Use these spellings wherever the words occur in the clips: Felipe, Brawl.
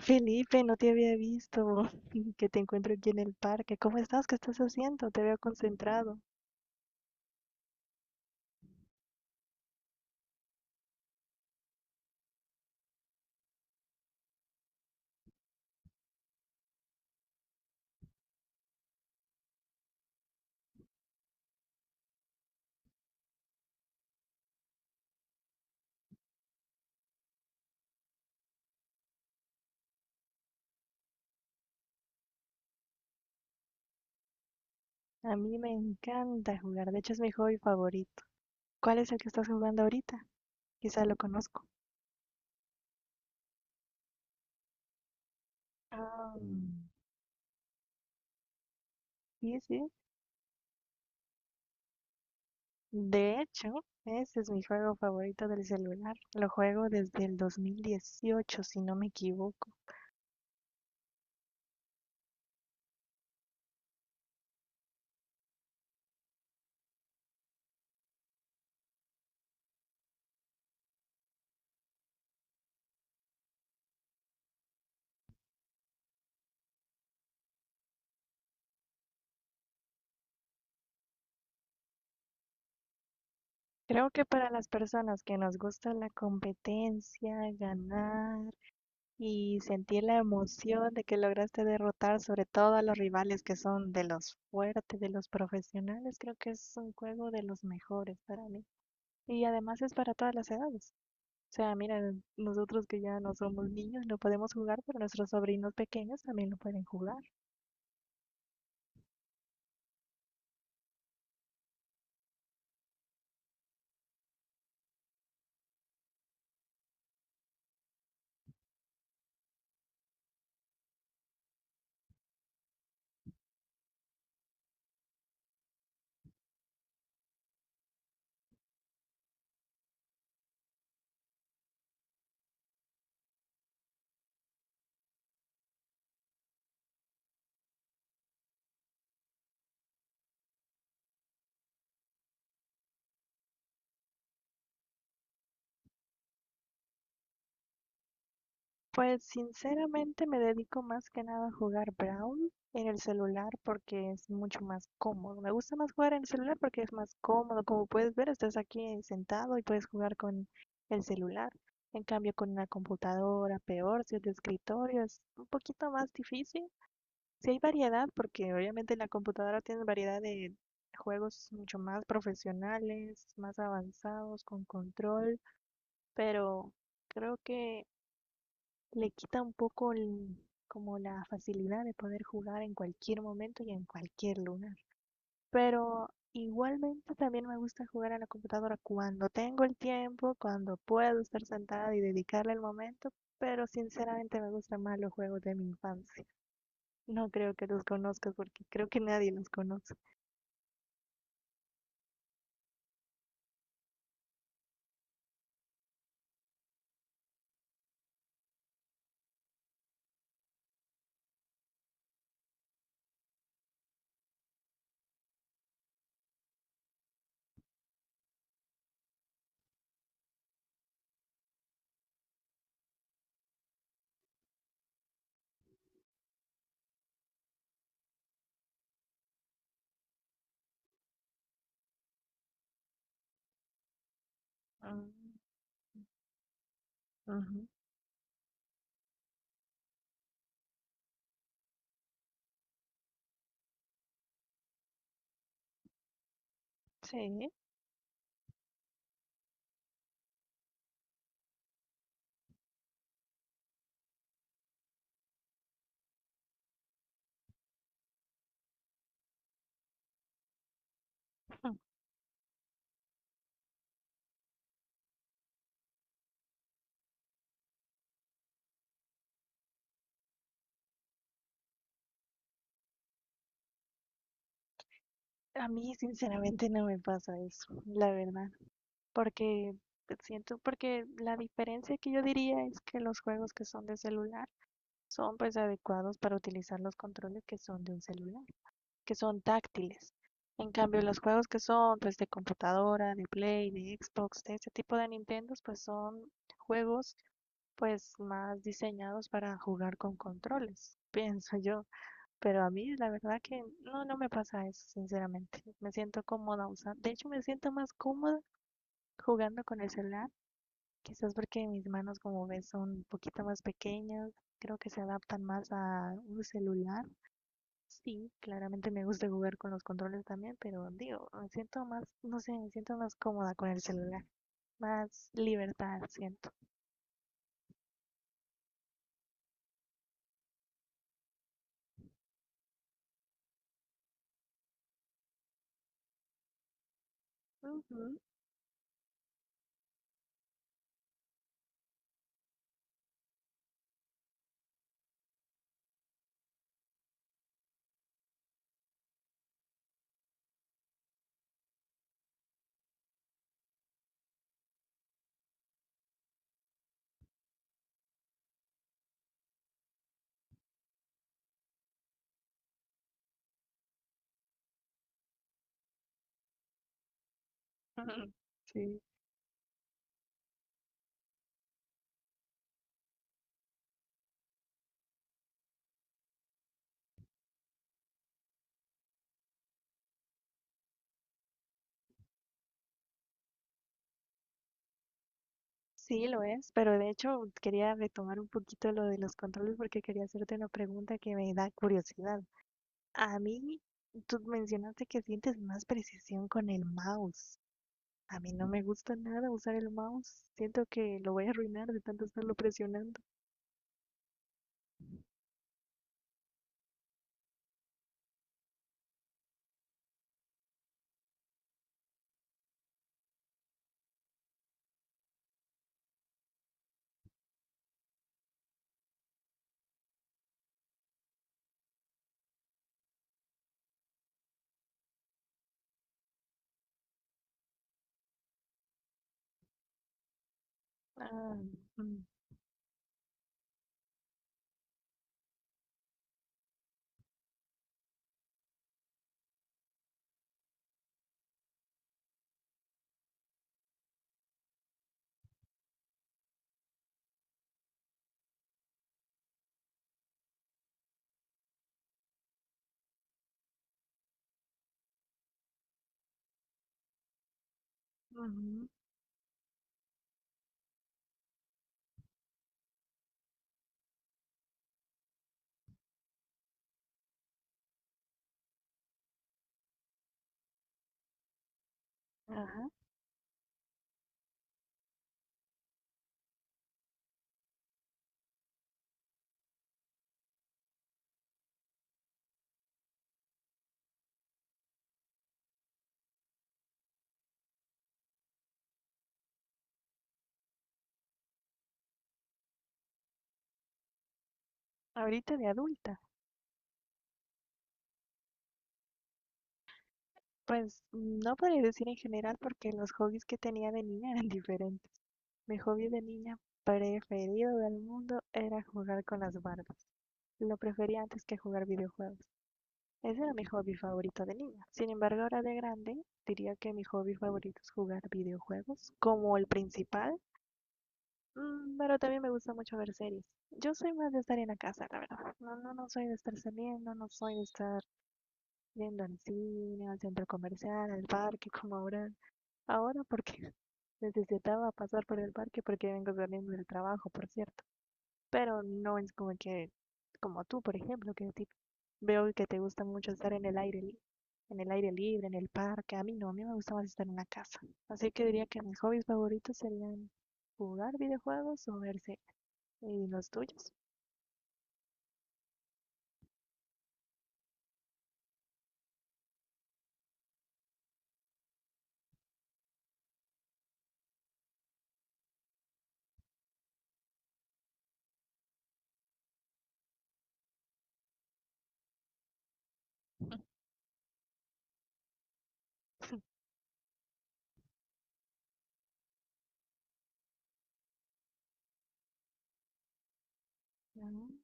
Felipe, no te había visto que te encuentro aquí en el parque. ¿Cómo estás? ¿Qué estás haciendo? Te veo concentrado. A mí me encanta jugar, de hecho es mi hobby favorito. ¿Cuál es el que estás jugando ahorita? Quizá lo conozco. Ah, sí, sí. De hecho, ese es mi juego favorito del celular. Lo juego desde el 2018, si no me equivoco. Creo que para las personas que nos gusta la competencia, ganar, y sentí la emoción de que lograste derrotar sobre todo a los rivales que son de los fuertes, de los profesionales. Creo que es un juego de los mejores para mí. Y además es para todas las edades. O sea, mira, nosotros que ya no somos niños no podemos jugar, pero nuestros sobrinos pequeños también lo pueden jugar. Pues sinceramente me dedico más que nada a jugar Brawl en el celular porque es mucho más cómodo. Me gusta más jugar en el celular porque es más cómodo. Como puedes ver, estás aquí sentado y puedes jugar con el celular. En cambio, con una computadora, peor, si es de escritorio, es un poquito más difícil. Si hay variedad, porque obviamente en la computadora tienes variedad de juegos mucho más profesionales, más avanzados, con control, pero creo que le quita un poco el- como la facilidad de poder jugar en cualquier momento y en cualquier lugar. Pero igualmente también me gusta jugar a la computadora cuando tengo el tiempo, cuando puedo estar sentada y dedicarle el momento, pero sinceramente me gustan más los juegos de mi infancia. No creo que los conozcas porque creo que nadie los conoce. Mm, ujú. Sí. A mí sinceramente no me pasa eso, la verdad. Porque siento, porque la diferencia que yo diría es que los juegos que son de celular son pues adecuados para utilizar los controles que son de un celular, que son táctiles. En cambio, los juegos que son pues de computadora, de Play, de Xbox, de ese tipo de Nintendo, pues son juegos pues más diseñados para jugar con controles, pienso yo. Pero a mí la verdad que no me pasa eso, sinceramente. Me siento cómoda usando, de hecho me siento más cómoda jugando con el celular. Quizás porque mis manos, como ves, son un poquito más pequeñas, creo que se adaptan más a un celular. Sí, claramente me gusta jugar con los controles también, pero digo, me siento más, no sé, me siento más cómoda con el celular, más libertad siento. Ujú. ujú. Sí. Sí, lo es, pero de hecho quería retomar un poquito lo de los controles porque quería hacerte una pregunta que me da curiosidad. A mí, tú mencionaste que sientes más precisión con el mouse. A mí no me gusta nada usar el mouse. Siento que lo voy a arruinar de tanto estarlo presionando. Ah, mm, ujú, ajá. Ahorita de adulta. Pues no podría decir en general porque los hobbies que tenía de niña eran diferentes. Mi hobby de niña preferido del mundo era jugar con las Barbies. Lo prefería antes que jugar videojuegos. Ese era mi hobby favorito de niña. Sin embargo, ahora de grande, diría que mi hobby favorito es jugar videojuegos como el principal. Mm. Pero también me gusta mucho ver series. Yo soy más de estar en la casa, la verdad. No, no, no soy de estar saliendo, no soy de estar yendo al cine, al centro comercial, al parque, como ahora. Ahora porque necesitaba pasar por el parque porque vengo saliendo del trabajo, por cierto. Pero no es como que, como tú, por ejemplo, que a ti veo que te gusta mucho estar en el aire, li- en el aire libre, en el parque. A mí no, a mí me gusta más estar en la casa. Así que diría que mis hobbies favoritos serían jugar videojuegos o ver series. ¿Y los tuyos? Mm.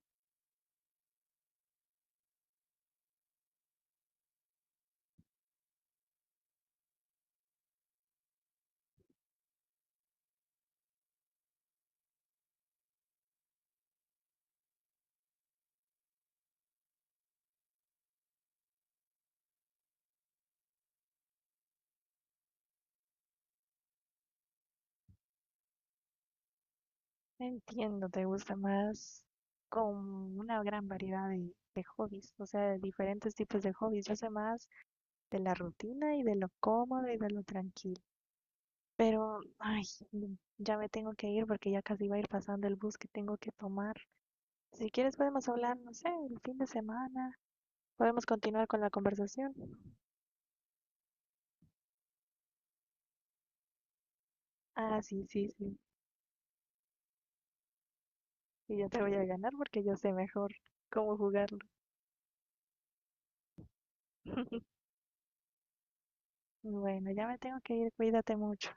Entiendo, te gusta más, con una gran variedad de hobbies, o sea, de diferentes tipos de hobbies. Yo sé más de la rutina y de lo cómodo y de lo tranquilo. Pero, ay, ya me tengo que ir porque ya casi va a ir pasando el bus que tengo que tomar. Si quieres podemos hablar, no sé, el fin de semana. Podemos continuar con la conversación. Ah, sí, sí, sí. Y yo te voy a ganar porque yo sé mejor cómo jugarlo. Bueno, ya me tengo que ir. Cuídate mucho.